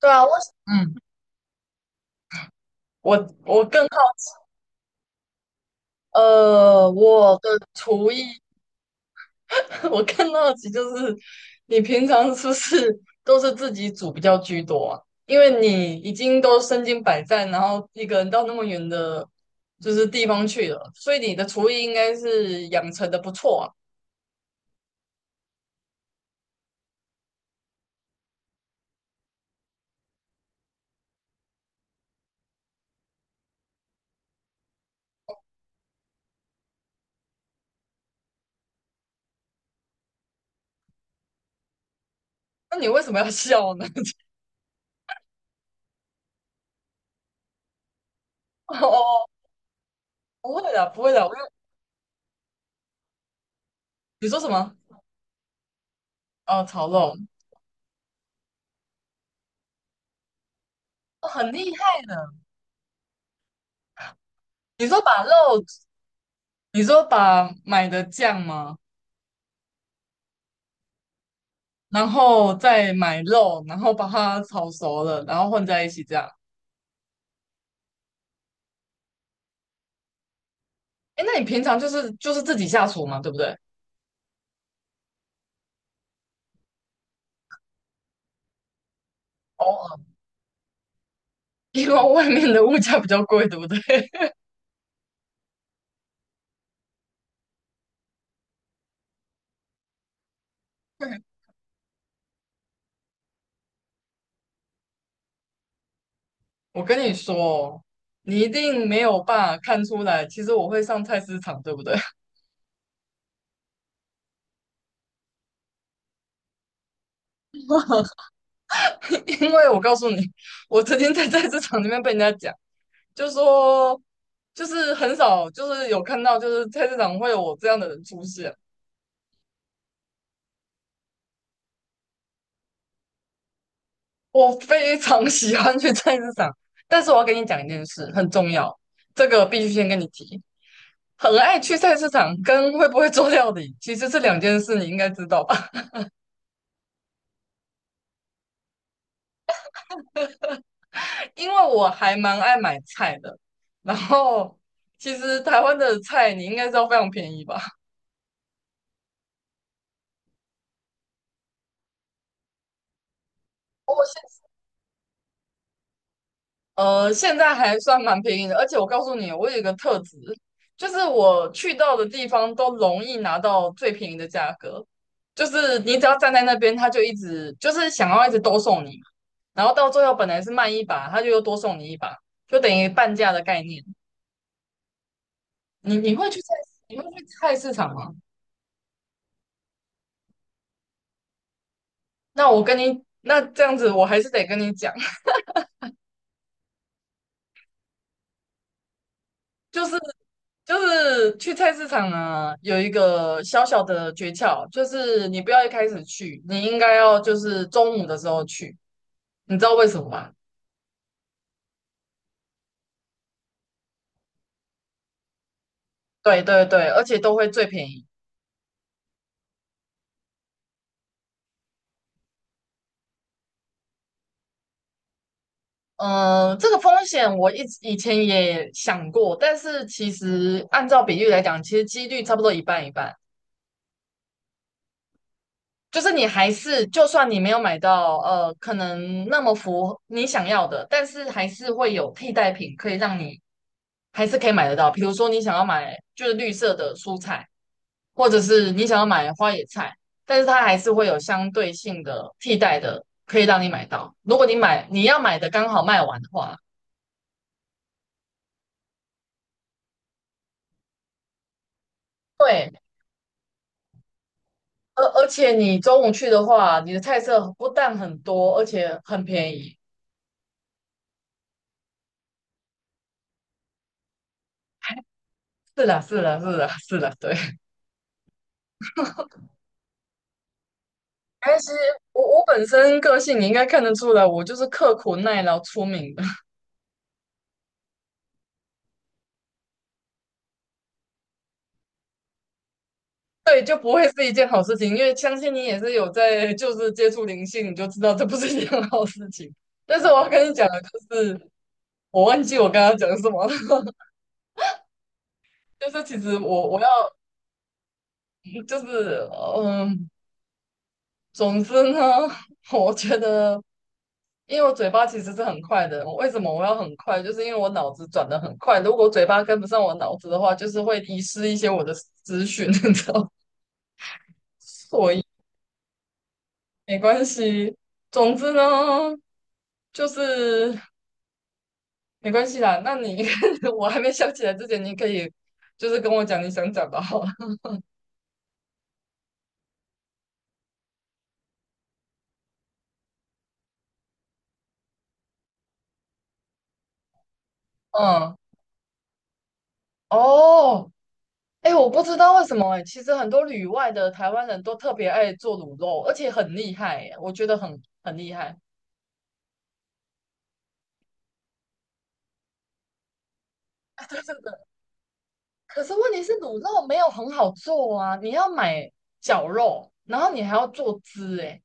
对啊，嗯，我更好，我的厨艺。我更好奇就是你平常是不是都是自己煮比较居多啊？因为你已经都身经百战，然后一个人到那么远的，就是地方去了，所以你的厨艺应该是养成的不错啊。那你为什么要 笑呢？哦哦，哦，不会的，不会的，我有，你说什么？哦，炒肉。哦，很厉害的。你说把肉，你说把买的酱吗？然后再买肉，然后把它炒熟了，然后混在一起这样。哎，那你平常就是自己下厨嘛，对不对？偶尔。因为外面的物价比较贵，对不对？我跟你说哦，你一定没有办法看出来，其实我会上菜市场，对不对？因为我告诉你，我曾经在菜市场里面被人家讲，就说就是很少，就是有看到，就是菜市场会有我这样的人出现。我非常喜欢去菜市场，但是我要跟你讲一件事，很重要，这个必须先跟你提。很爱去菜市场跟会不会做料理其实是两件事，你应该知道吧？因为我还蛮爱买菜的，然后其实台湾的菜你应该知道非常便宜吧？现在还算蛮便宜的，而且我告诉你，我有一个特质，就是我去到的地方都容易拿到最便宜的价格，就是你只要站在那边，他就一直就是想要一直多送你，然后到最后本来是卖一把，他就又多送你一把，就等于半价的概念。你你会去菜，你会去菜市场吗？那这样子我还是得跟你讲，就是就是去菜市场啊，有一个小小的诀窍，就是你不要一开始去，你应该要就是中午的时候去，你知道为什么吗？对对对，而且都会最便宜。嗯、这个风险我一直以前也想过，但是其实按照比例来讲，其实几率差不多一半一半。就是你还是，就算你没有买到，可能那么符合你想要的，但是还是会有替代品可以让你还是可以买得到。比如说你想要买就是绿色的蔬菜，或者是你想要买花野菜，但是它还是会有相对性的替代的，可以让你买到。如果你买你要买的刚好卖完的话，对，而且你中午去的话，你的菜色不但很多，而且很便宜。是啦，是啦，是啦，是啦，对。但是我本身个性你应该看得出来，我就是刻苦耐劳出名的。对，就不会是一件好事情，因为相信你也是有在就是接触灵性，你就知道这不是一件好事情。但是我要跟你讲的就是，我忘记我刚刚讲什么了。就是其实我要就是嗯，总之呢，我觉得因为我嘴巴其实是很快的，我为什么我要很快？就是因为我脑子转得很快，如果嘴巴跟不上我脑子的话，就是会遗失一些我的资讯，你知道吗？所以没关系。总之呢，就是。没关系啦。我还没想起来之前，你可以就是跟我讲你想讲的好了。嗯，哦，哎，我不知道为什么哎，其实很多旅外的台湾人都特别爱做卤肉，而且很厉害哎，我觉得很厉害。对对对。可是问题是卤肉没有很好做啊，你要买绞肉，然后你还要做汁哎，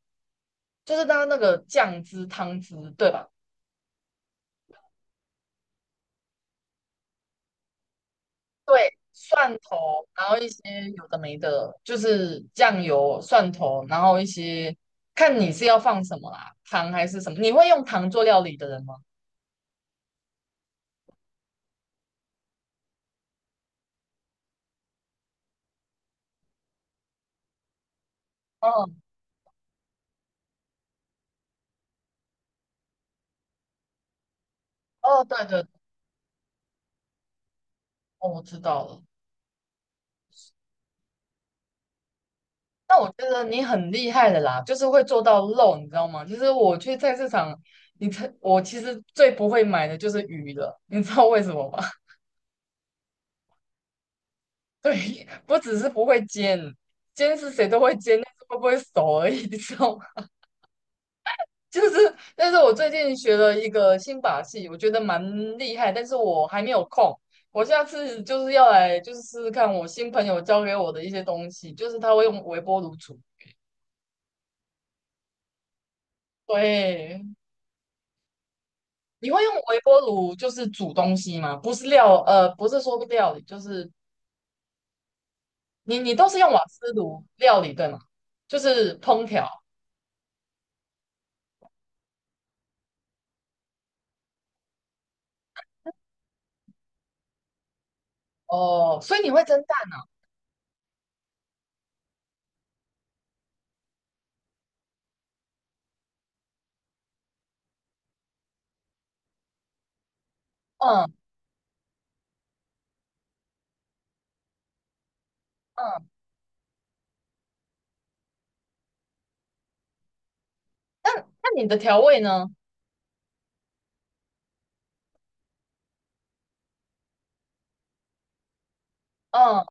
就是它那个酱汁、汤汁，对吧？对，蒜头，然后一些有的没的，就是酱油、蒜头，然后一些看你是要放什么啦，糖还是什么？你会用糖做料理的人吗？嗯，哦，对对，哦，我知道了。那我觉得你很厉害的啦，就是会做到肉，你知道吗？就是我去菜市场，我其实最不会买的就是鱼了，你知道为什么吗？对，不只是不会煎，煎是谁都会煎，但是会不会熟而已，你知道吗？就是但是我最近学了一个新把戏，我觉得蛮厉害，但是我还没有空。我下次就是要来，就是试试看我新朋友教给我的一些东西，就是他会用微波炉煮。对，你会用微波炉就是煮东西吗？不是说料理，就是你都是用瓦斯炉料理对吗？就是烹调。哦，所以你会蒸蛋。嗯嗯，那你的调味呢？嗯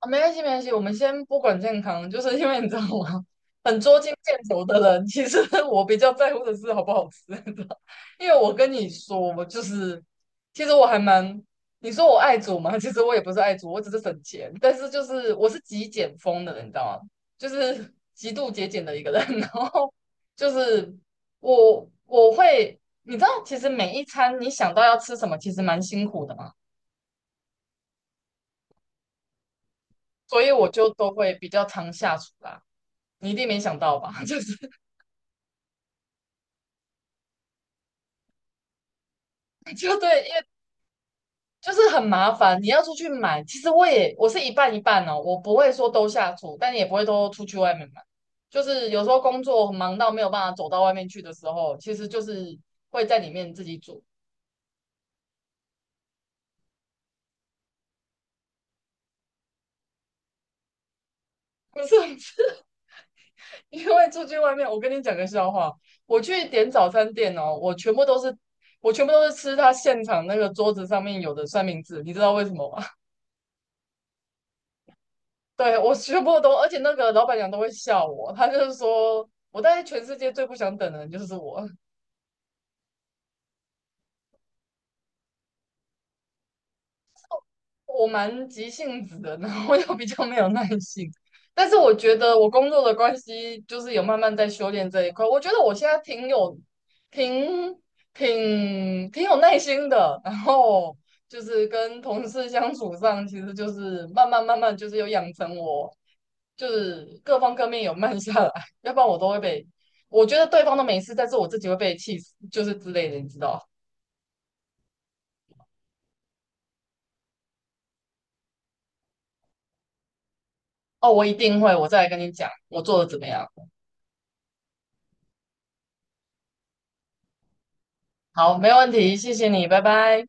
啊，没关系，没关系，我们先不管健康，就是 因为你知道吗？很捉襟见肘的人，其实 我比较在乎的是好不好吃，你知道？因为我跟你说，我就是，其实我还蛮，你说我爱煮嘛。其实我也不是爱煮，我只是省钱，但是就是我是极简风的人，你知道吗？就是极度节俭的一个人，然后就是我会，你知道，其实每一餐你想到要吃什么，其实蛮辛苦的嘛，所以我就都会比较常下厨啦。你一定没想到吧？就是就对，因为就是很麻烦，你要出去买。其实我是一半一半哦，我不会说都下厨，但也不会都出去外面买。就是有时候工作忙到没有办法走到外面去的时候，其实就是会在里面自己煮。不是。 因为出去外面，我跟你讲个笑话，我去点早餐店哦，我全部都是吃他现场那个桌子上面有的三明治，你知道为什么吗？对，我全部都，而且那个老板娘都会笑我，她就是说，我在全世界最不想等的人就是我，我蛮急性子的，然后 又比较没有耐性，但是我觉得我工作的关系，就是有慢慢在修炼这一块，我觉得我现在挺挺有耐心的，然后就是跟同事相处上，其实就是慢慢慢慢就是有养成我。就是各方各面有慢下来，要不然我都会被，我觉得对方都没事，但是我自己会被气死，就是之类的，你知道？哦，我一定会，我再来跟你讲我做的怎么样。好，没问题，谢谢你，拜拜。